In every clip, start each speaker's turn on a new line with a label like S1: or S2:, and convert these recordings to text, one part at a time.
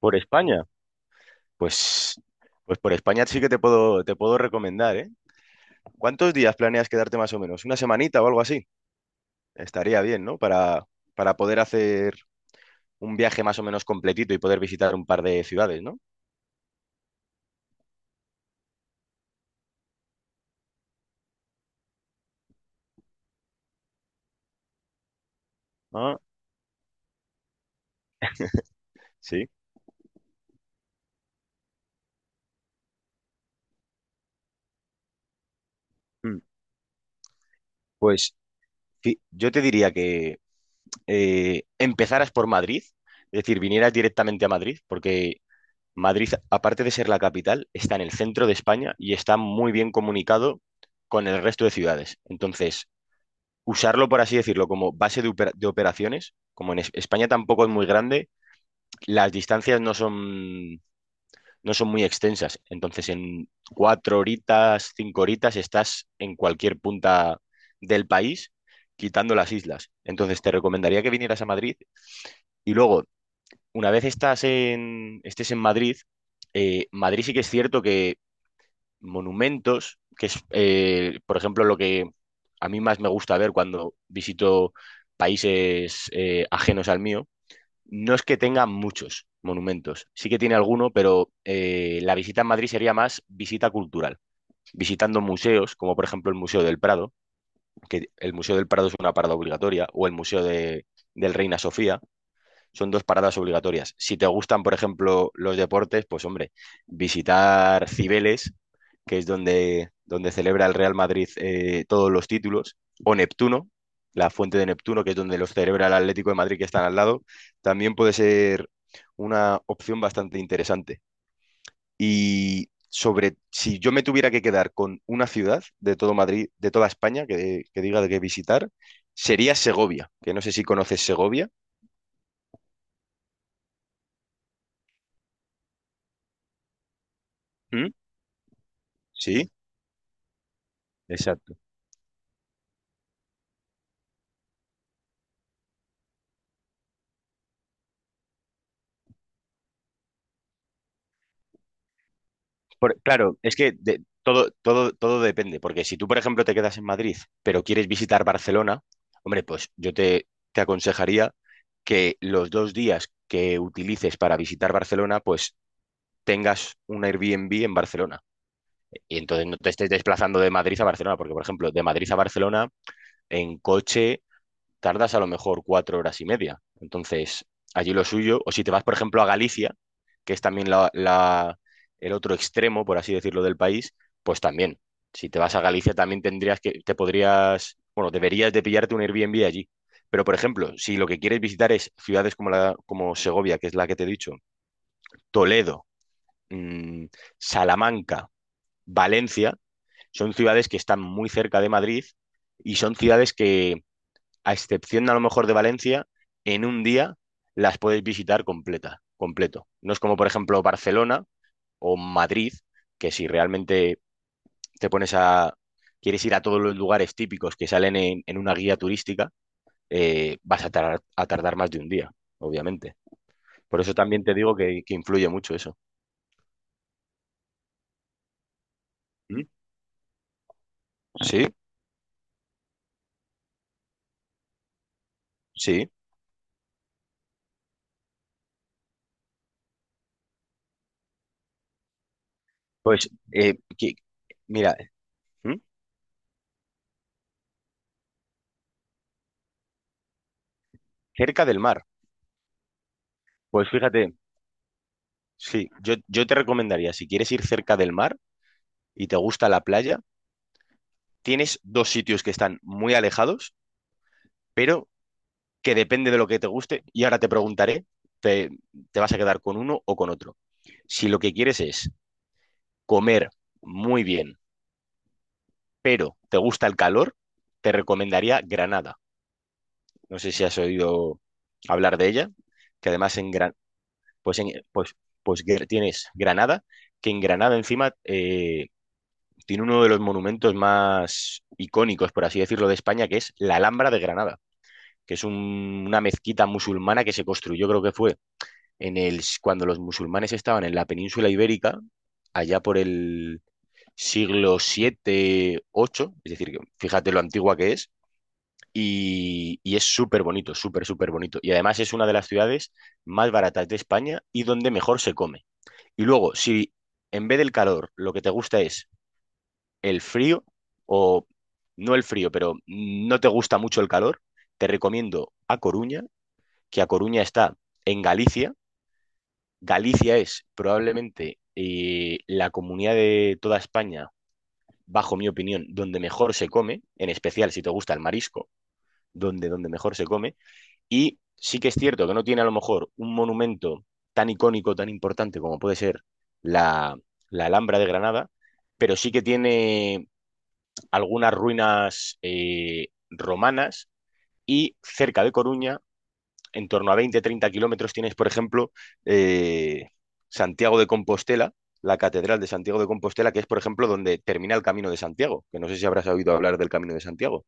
S1: Por España, pues, pues por España sí que te puedo recomendar, ¿eh? ¿Cuántos días planeas quedarte más o menos? ¿Una semanita o algo así? Estaría bien, ¿no? Para poder hacer un viaje más o menos completito y poder visitar un par de ciudades, ¿no? Ah, sí. Mm. Pues sí, yo te diría que empezaras por Madrid, es decir, vinieras directamente a Madrid, porque Madrid, aparte de ser la capital, está en el centro de España y está muy bien comunicado con el resto de ciudades. Entonces, usarlo, por así decirlo, como base de operaciones. Como en España tampoco es muy grande, las distancias no son muy extensas. Entonces, en 4 horitas, 5 horitas, estás en cualquier punta del país, quitando las islas. Entonces, te recomendaría que vinieras a Madrid. Y luego, una vez estés en Madrid, Madrid sí que es cierto que monumentos, que es, por ejemplo, lo que a mí más me gusta ver cuando visito países ajenos al mío, no es que tenga muchos monumentos. Sí que tiene alguno, pero la visita en Madrid sería más visita cultural, visitando museos, como por ejemplo el Museo del Prado, que el Museo del Prado es una parada obligatoria, o el Museo del Reina Sofía son dos paradas obligatorias. Si te gustan, por ejemplo, los deportes, pues hombre, visitar Cibeles, que es donde celebra el Real Madrid todos los títulos, o Neptuno, la fuente de Neptuno, que es donde los celebra el Atlético de Madrid, que están al lado, también puede ser una opción bastante interesante. Y sobre si yo me tuviera que quedar con una ciudad de todo Madrid, de toda España, que diga de qué visitar, sería Segovia, que no sé si conoces Segovia. ¿Mm? Sí, exacto. Claro, es que todo depende, porque si tú, por ejemplo, te quedas en Madrid, pero quieres visitar Barcelona, hombre, pues yo te aconsejaría que los 2 días que utilices para visitar Barcelona, pues tengas un Airbnb en Barcelona. Y entonces no te estés desplazando de Madrid a Barcelona, porque, por ejemplo, de Madrid a Barcelona, en coche tardas a lo mejor 4 horas y media. Entonces, allí lo suyo, o si te vas, por ejemplo, a Galicia, que es también el otro extremo, por así decirlo, del país, pues también. Si te vas a Galicia también te podrías, bueno, deberías de pillarte un Airbnb allí. Pero, por ejemplo, si lo que quieres visitar es ciudades como Segovia, que es la que te he dicho, Toledo, mmm, Salamanca, Valencia, son ciudades que están muy cerca de Madrid y son ciudades que a excepción a lo mejor de Valencia, en un día las puedes visitar completo. No es como, por ejemplo, Barcelona o Madrid, que si realmente te pones a, quieres ir a todos los lugares típicos que salen en una guía turística, vas a tardar más de un día, obviamente. Por eso también te digo que influye mucho eso. ¿Mm? Sí, sí. Pues, eh, que- mira, ¿Mm? Cerca del mar. Pues fíjate, sí, yo te recomendaría, si quieres ir cerca del mar, y te gusta la playa, tienes dos sitios que están muy alejados, pero que depende de lo que te guste. Y ahora te preguntaré, te, te vas a quedar con uno o con otro. Si lo que quieres es comer muy bien, pero te gusta el calor, te recomendaría Granada. No sé si has oído hablar de ella, que además en Gran... pues, en- pues, tienes Granada, que en Granada encima tiene uno de los monumentos más icónicos, por así decirlo, de España, que es la Alhambra de Granada. Que es una mezquita musulmana que se construyó, creo que fue cuando los musulmanes estaban en la península ibérica, allá por el siglo VII, VIII, es decir, que fíjate lo antigua que es, y es súper bonito, súper, súper bonito. Y además es una de las ciudades más baratas de España y donde mejor se come. Y luego, si en vez del calor lo que te gusta es el frío, o no el frío, pero no te gusta mucho el calor, te recomiendo A Coruña, que A Coruña está en Galicia. Galicia es probablemente la comunidad de toda España, bajo mi opinión, donde mejor se come, en especial si te gusta el marisco, donde mejor se come. Y sí que es cierto que no tiene a lo mejor un monumento tan icónico, tan importante como puede ser la, la Alhambra de Granada, pero sí que tiene algunas ruinas romanas y cerca de Coruña en torno a 20 30 kilómetros tienes, por ejemplo, eh, Santiago de Compostela, la Catedral de Santiago de Compostela, que es, por ejemplo, donde termina el Camino de Santiago, que no sé si habrás oído hablar del Camino de Santiago.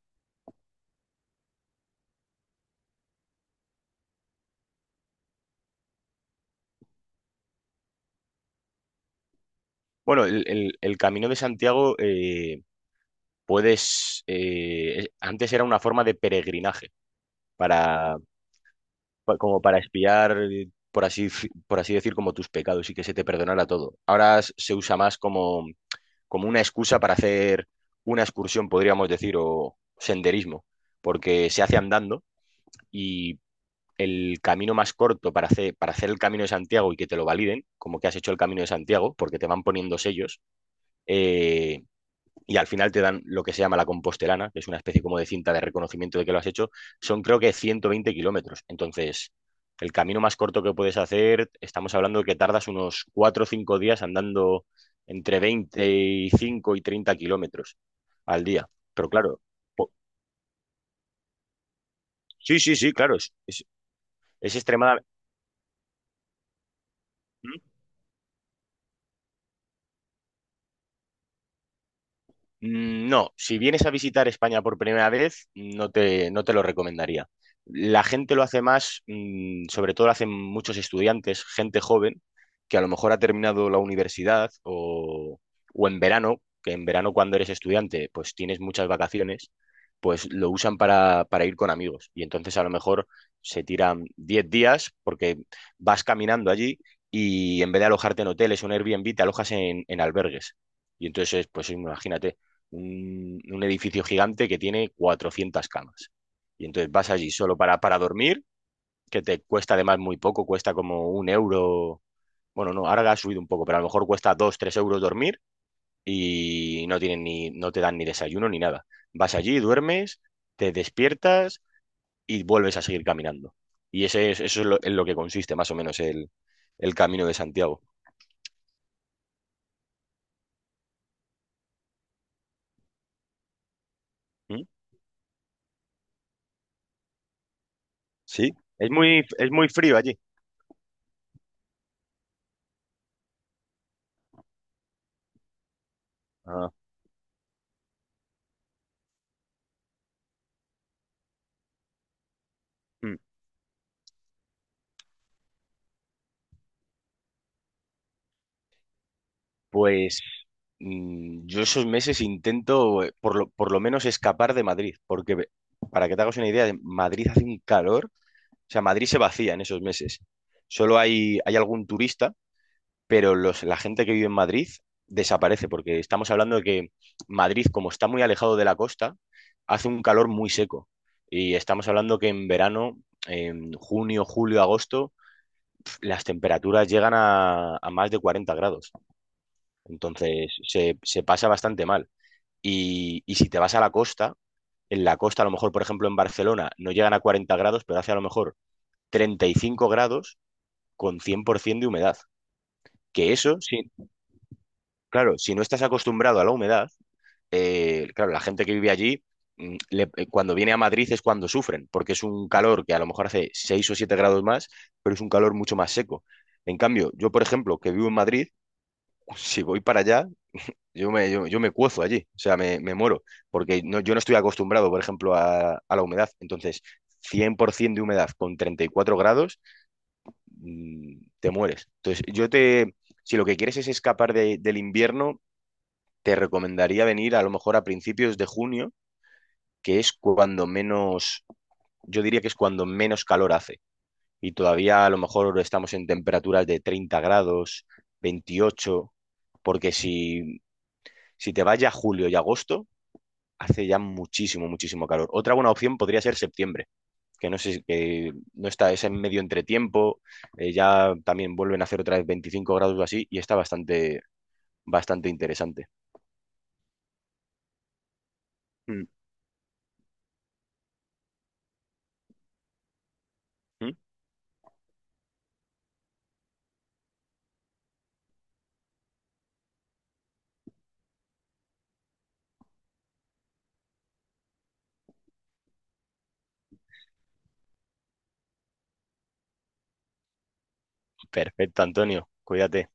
S1: Bueno, el Camino de Santiago antes era una forma de peregrinaje, para, como para espiar, por así decir, como tus pecados y que se te perdonara todo. Ahora se usa más como una excusa para hacer una excursión, podríamos decir, o senderismo, porque se hace andando y el camino más corto para hacer el camino de Santiago y que te lo validen, como que has hecho el camino de Santiago, porque te van poniendo sellos, eh, y al final te dan lo que se llama la compostelana, que es una especie como de cinta de reconocimiento de que lo has hecho, son creo que 120 kilómetros. Entonces, el camino más corto que puedes hacer, estamos hablando de que tardas unos 4 o 5 días andando entre 25 y 30 kilómetros al día. Pero claro, po- sí, sí, sí, claro, es extremadamente... No, si vienes a visitar España por primera vez, no te lo recomendaría. La gente lo hace más, sobre todo lo hacen muchos estudiantes, gente joven, que a lo mejor ha terminado la universidad o en verano, que en verano cuando eres estudiante, pues tienes muchas vacaciones, pues lo usan para ir con amigos. Y entonces a lo mejor se tiran 10 días porque vas caminando allí y en vez de alojarte en hoteles o en Airbnb, te alojas en albergues. Y entonces, pues imagínate un edificio gigante que tiene 400 camas. Y entonces vas allí solo para dormir, que te cuesta además muy poco, cuesta como 1 euro. Bueno, no, ahora ha subido un poco, pero a lo mejor cuesta 2, 3 euros dormir y no te dan ni desayuno ni nada. Vas allí, duermes, te despiertas y vuelves a seguir caminando. Eso es en lo que consiste más o menos el camino de Santiago. ¿Mm? ¿Sí? Es muy frío allí. Ah, mm. Pues yo esos meses intento, por lo menos, escapar de Madrid, porque para que te hagas una idea, en Madrid hace un calor, o sea, Madrid se vacía en esos meses. Solo hay algún turista, pero la gente que vive en Madrid desaparece, porque estamos hablando de que Madrid, como está muy alejado de la costa, hace un calor muy seco. Y estamos hablando que en verano, en junio, julio, agosto, las temperaturas llegan a más de 40 grados. Entonces, se pasa bastante mal. Y si te vas a la costa, en la costa, a lo mejor, por ejemplo, en Barcelona, no llegan a 40 grados, pero hace a lo mejor 35 grados con 100% de humedad. Que eso, sí, claro, si no estás acostumbrado a la humedad, claro, la gente que vive allí, cuando viene a Madrid es cuando sufren, porque es un calor que a lo mejor hace 6 o 7 grados más, pero es un calor mucho más seco. En cambio, yo, por ejemplo, que vivo en Madrid, si voy para allá, yo me cuezo allí, o sea, me muero, porque no, yo no estoy acostumbrado, por ejemplo, a la humedad. Entonces, 100% de humedad con 34 grados, te mueres. Entonces, si lo que quieres es escapar del invierno, te recomendaría venir a lo mejor a principios de junio, que es cuando menos, yo diría que es cuando menos calor hace. Y todavía a lo mejor estamos en temperaturas de 30 grados, 28, porque si te vas ya a julio y agosto hace ya muchísimo, muchísimo calor. Otra buena opción podría ser septiembre, que no sé, si- que no está, es en medio entretiempo, ya también vuelven a hacer otra vez 25 grados o así, y está bastante, bastante interesante. Mm, mm. Perfecto, Antonio, cuídate.